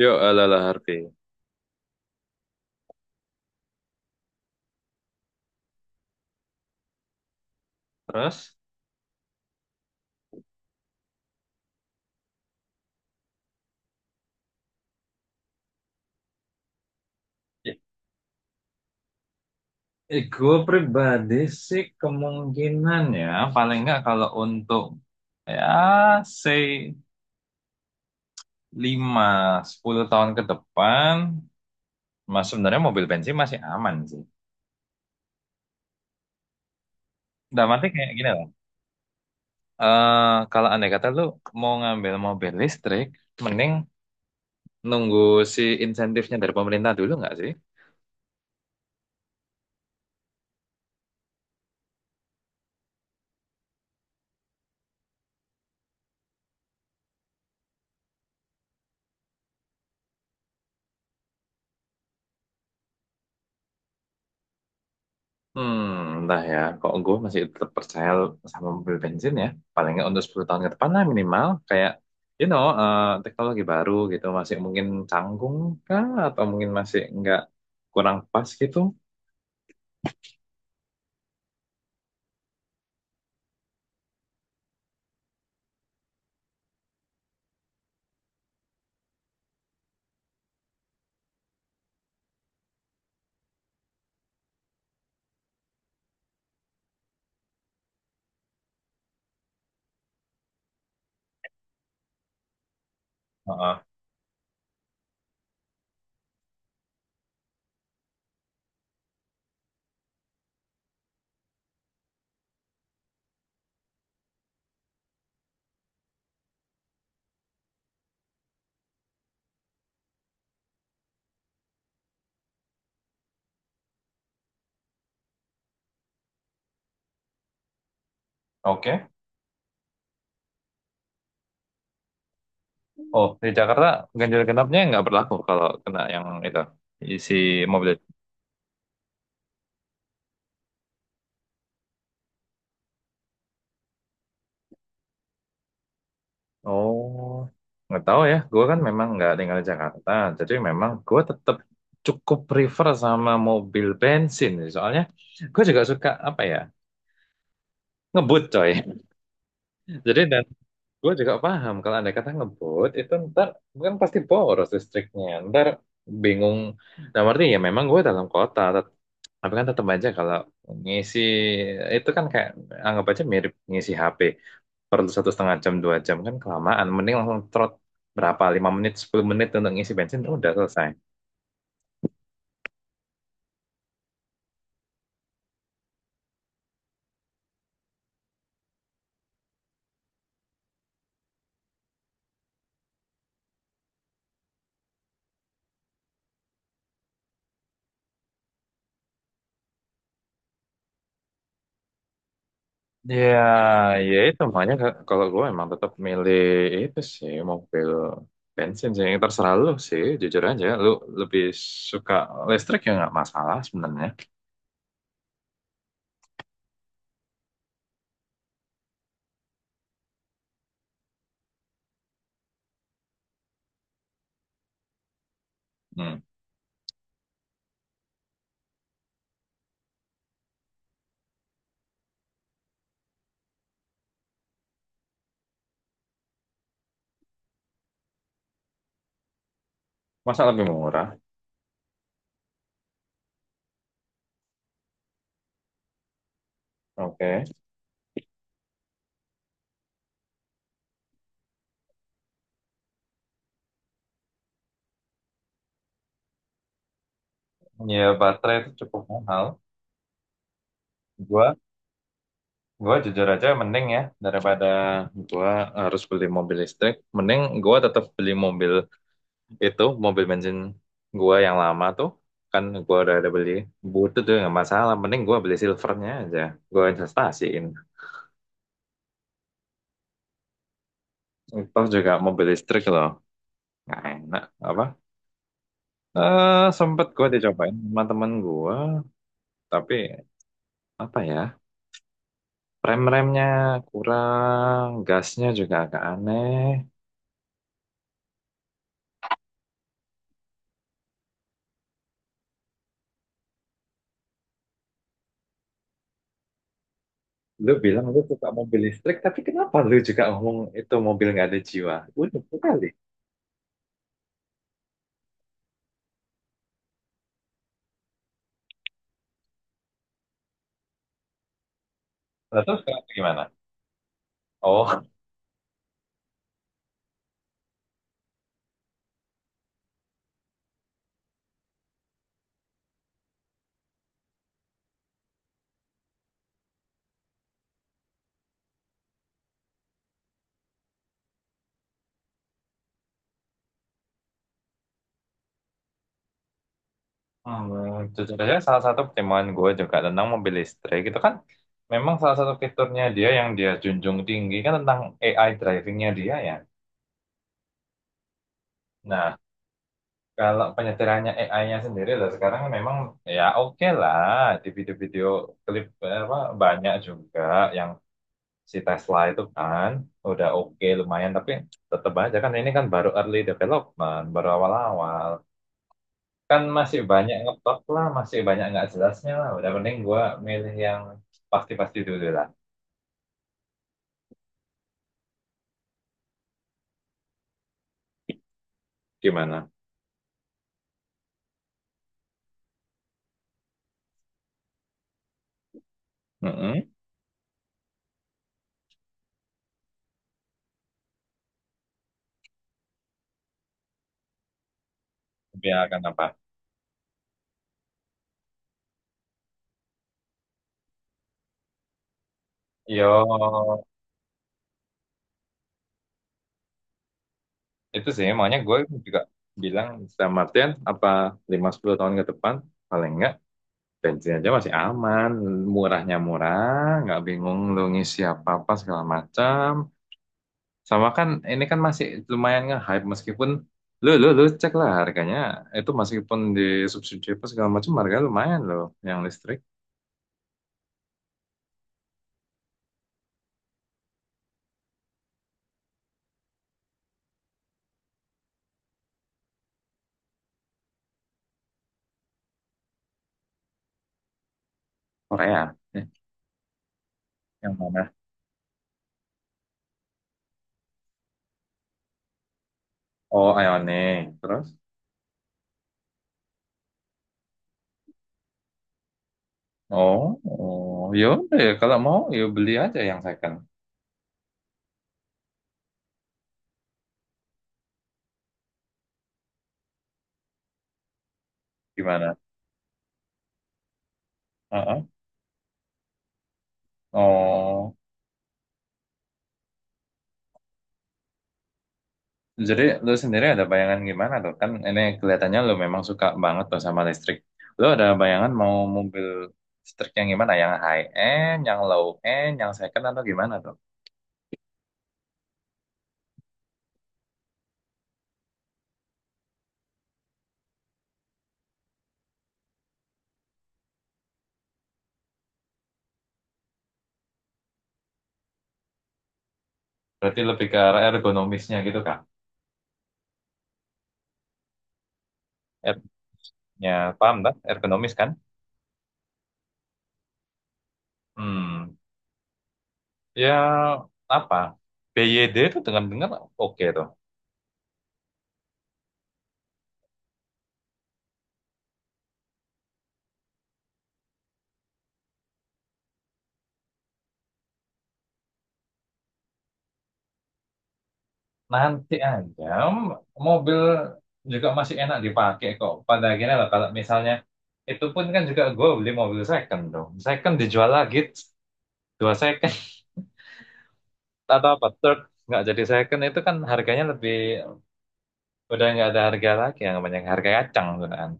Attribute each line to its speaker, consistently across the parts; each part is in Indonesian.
Speaker 1: Yuk, ala-ala Harvey. Terus? Ya, gue pribadi sih kemungkinan ya paling nggak kalau untuk ya say 5 10 tahun ke depan mas sebenarnya mobil bensin masih aman sih. Dalam arti kayak gini lah. Kalau andai kata lu mau ngambil mobil listrik mending nunggu si insentifnya dari pemerintah dulu nggak sih? Hmm, entah ya. Kok gue masih tetap percaya sama mobil bensin ya. Paling nggak untuk 10 tahun ke depan lah minimal. Kayak, you know, eh, Teknologi baru gitu. Masih mungkin canggung kah? Atau mungkin masih nggak kurang pas gitu. Heeh. Oke. Oh, di Jakarta ganjil genapnya nggak berlaku kalau kena yang itu. Isi mobil. Oh, nggak tahu ya. Gue kan memang nggak tinggal di Jakarta, jadi memang gue tetap cukup prefer sama mobil bensin sih. Soalnya gue juga suka apa ya ngebut coy. Jadi gue juga paham kalau andai kata ngebut itu ntar kan pasti boros listriknya, ntar bingung. Nah, berarti ya memang gue dalam kota, tapi kan tetap aja kalau ngisi itu kan kayak anggap aja mirip ngisi HP. Perlu satu setengah jam, dua jam kan kelamaan. Mending langsung trot berapa, lima menit, sepuluh menit untuk ngisi bensin, udah selesai. Ya, Ya itu makanya kalau gue emang tetap milih itu sih mobil bensin sih. Terserah lu sih, jujur aja. Lu lebih suka listrik ya nggak masalah sebenarnya. Hmm. Masa lebih murah? Oke. Ya baterai itu cukup mahal. Gua, gua jujur aja mending ya daripada gua harus beli mobil listrik. Mending gua tetap beli mobil itu mobil bensin gua yang lama tuh kan gua udah ada beli butut tuh nggak masalah mending gua beli silvernya aja gua investasiin. Toh juga mobil listrik loh nggak enak apa sempet gua dicobain sama temen gua tapi apa ya rem-remnya kurang gasnya juga agak aneh. Lu bilang lu suka mobil listrik tapi kenapa lu juga ngomong itu mobil nggak ada jiwa. Udah sekali lalu sekarang gimana? Oh, hmm, jujur aja salah satu pertimbangan gue juga tentang mobil listrik itu kan memang salah satu fiturnya dia yang dia junjung tinggi kan tentang AI drivingnya dia ya. Nah, kalau penyetirannya AI-nya sendiri lah sekarang memang ya oke lah di video-video klip apa banyak juga yang si Tesla itu kan udah oke lumayan tapi tetap aja kan ini kan baru early development baru awal-awal. Kan masih banyak ngeplak lah masih banyak nggak jelasnya lah udah mending gua milih yang pasti-pasti dulu lah. Gimana? Mm-mm. Ya kenapa? Yo itu sih makanya gue juga bilang dalam Martin apa lima sepuluh tahun ke depan paling nggak bensin aja masih aman murahnya murah nggak bingung lu ngisi apa apa segala macam. Sama kan ini kan masih lumayan nge-hype meskipun lu lu lu cek lah harganya itu meskipun di subsidi apa segala macam harga lumayan loh yang listrik. Korea. Eh, yang mana? Oh, Ioniq. Terus oh, oh ya udah ya kalau mau ya beli aja yang second. Gimana? Heeh. Oh. Jadi lu sendiri ada bayangan gimana tuh? Kan ini kelihatannya lu memang suka banget tuh sama listrik. Lu ada bayangan mau mobil listrik yang gimana? Yang high end, yang low end, yang second atau gimana tuh? Berarti lebih ke arah ergonomisnya gitu kan? Nya paham kan? Ergonomis kan? Hmm, ya apa? BYD itu dengar-dengar oke tuh. Nanti aja m- mobil juga masih enak dipakai kok. Pada akhirnya lah kalau misalnya itu pun kan juga gue beli mobil second dong. Second dijual lagi dua second. Atau apa? Third nggak jadi second itu kan harganya lebih udah nggak ada harga lagi yang banyak harga kacang tuh kan.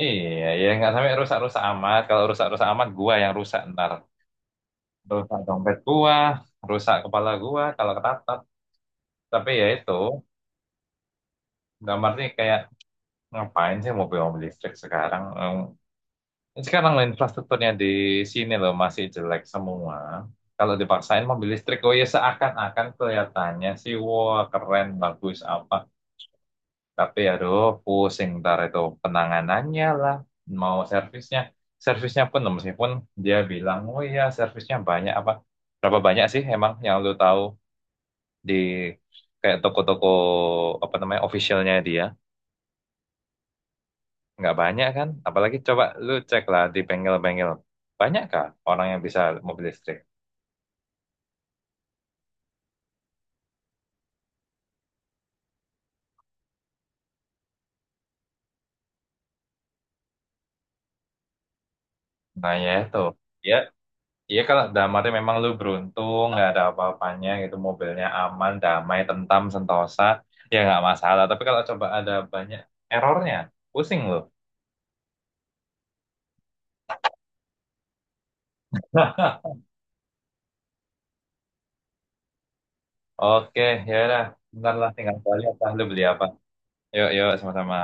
Speaker 1: Iya, ya nggak sampai rusak-rusak amat. Kalau rusak-rusak amat, gua yang rusak ntar. Rusak dompet gua, rusak kepala gua kalau ketatap. Tapi ya itu, gambarnya kayak ngapain sih mobil-mobil listrik sekarang? Em, sekarang loh infrastrukturnya di sini loh masih jelek semua. Kalau dipaksain mobil listrik, oh ya seakan-akan kelihatannya sih, wah keren, bagus apa. Tapi aduh pusing ntar itu penanganannya lah. Mau servisnya. Servisnya pun meskipun dia bilang, oh iya servisnya banyak apa. Berapa banyak sih emang yang lu tahu di kayak toko-toko apa namanya officialnya dia. Nggak banyak kan. Apalagi coba lu cek lah di bengkel-bengkel. Banyak kah orang yang bisa mobil listrik? Nah ya itu. Ya iya kalau damatnya memang lu beruntung nggak ada apa-apanya gitu mobilnya aman damai tentam sentosa ya nggak masalah tapi kalau coba ada banyak errornya pusing lu. Oke, ya udah bentar lah tinggal balik apa lu beli apa. Yuk yuk sama-sama.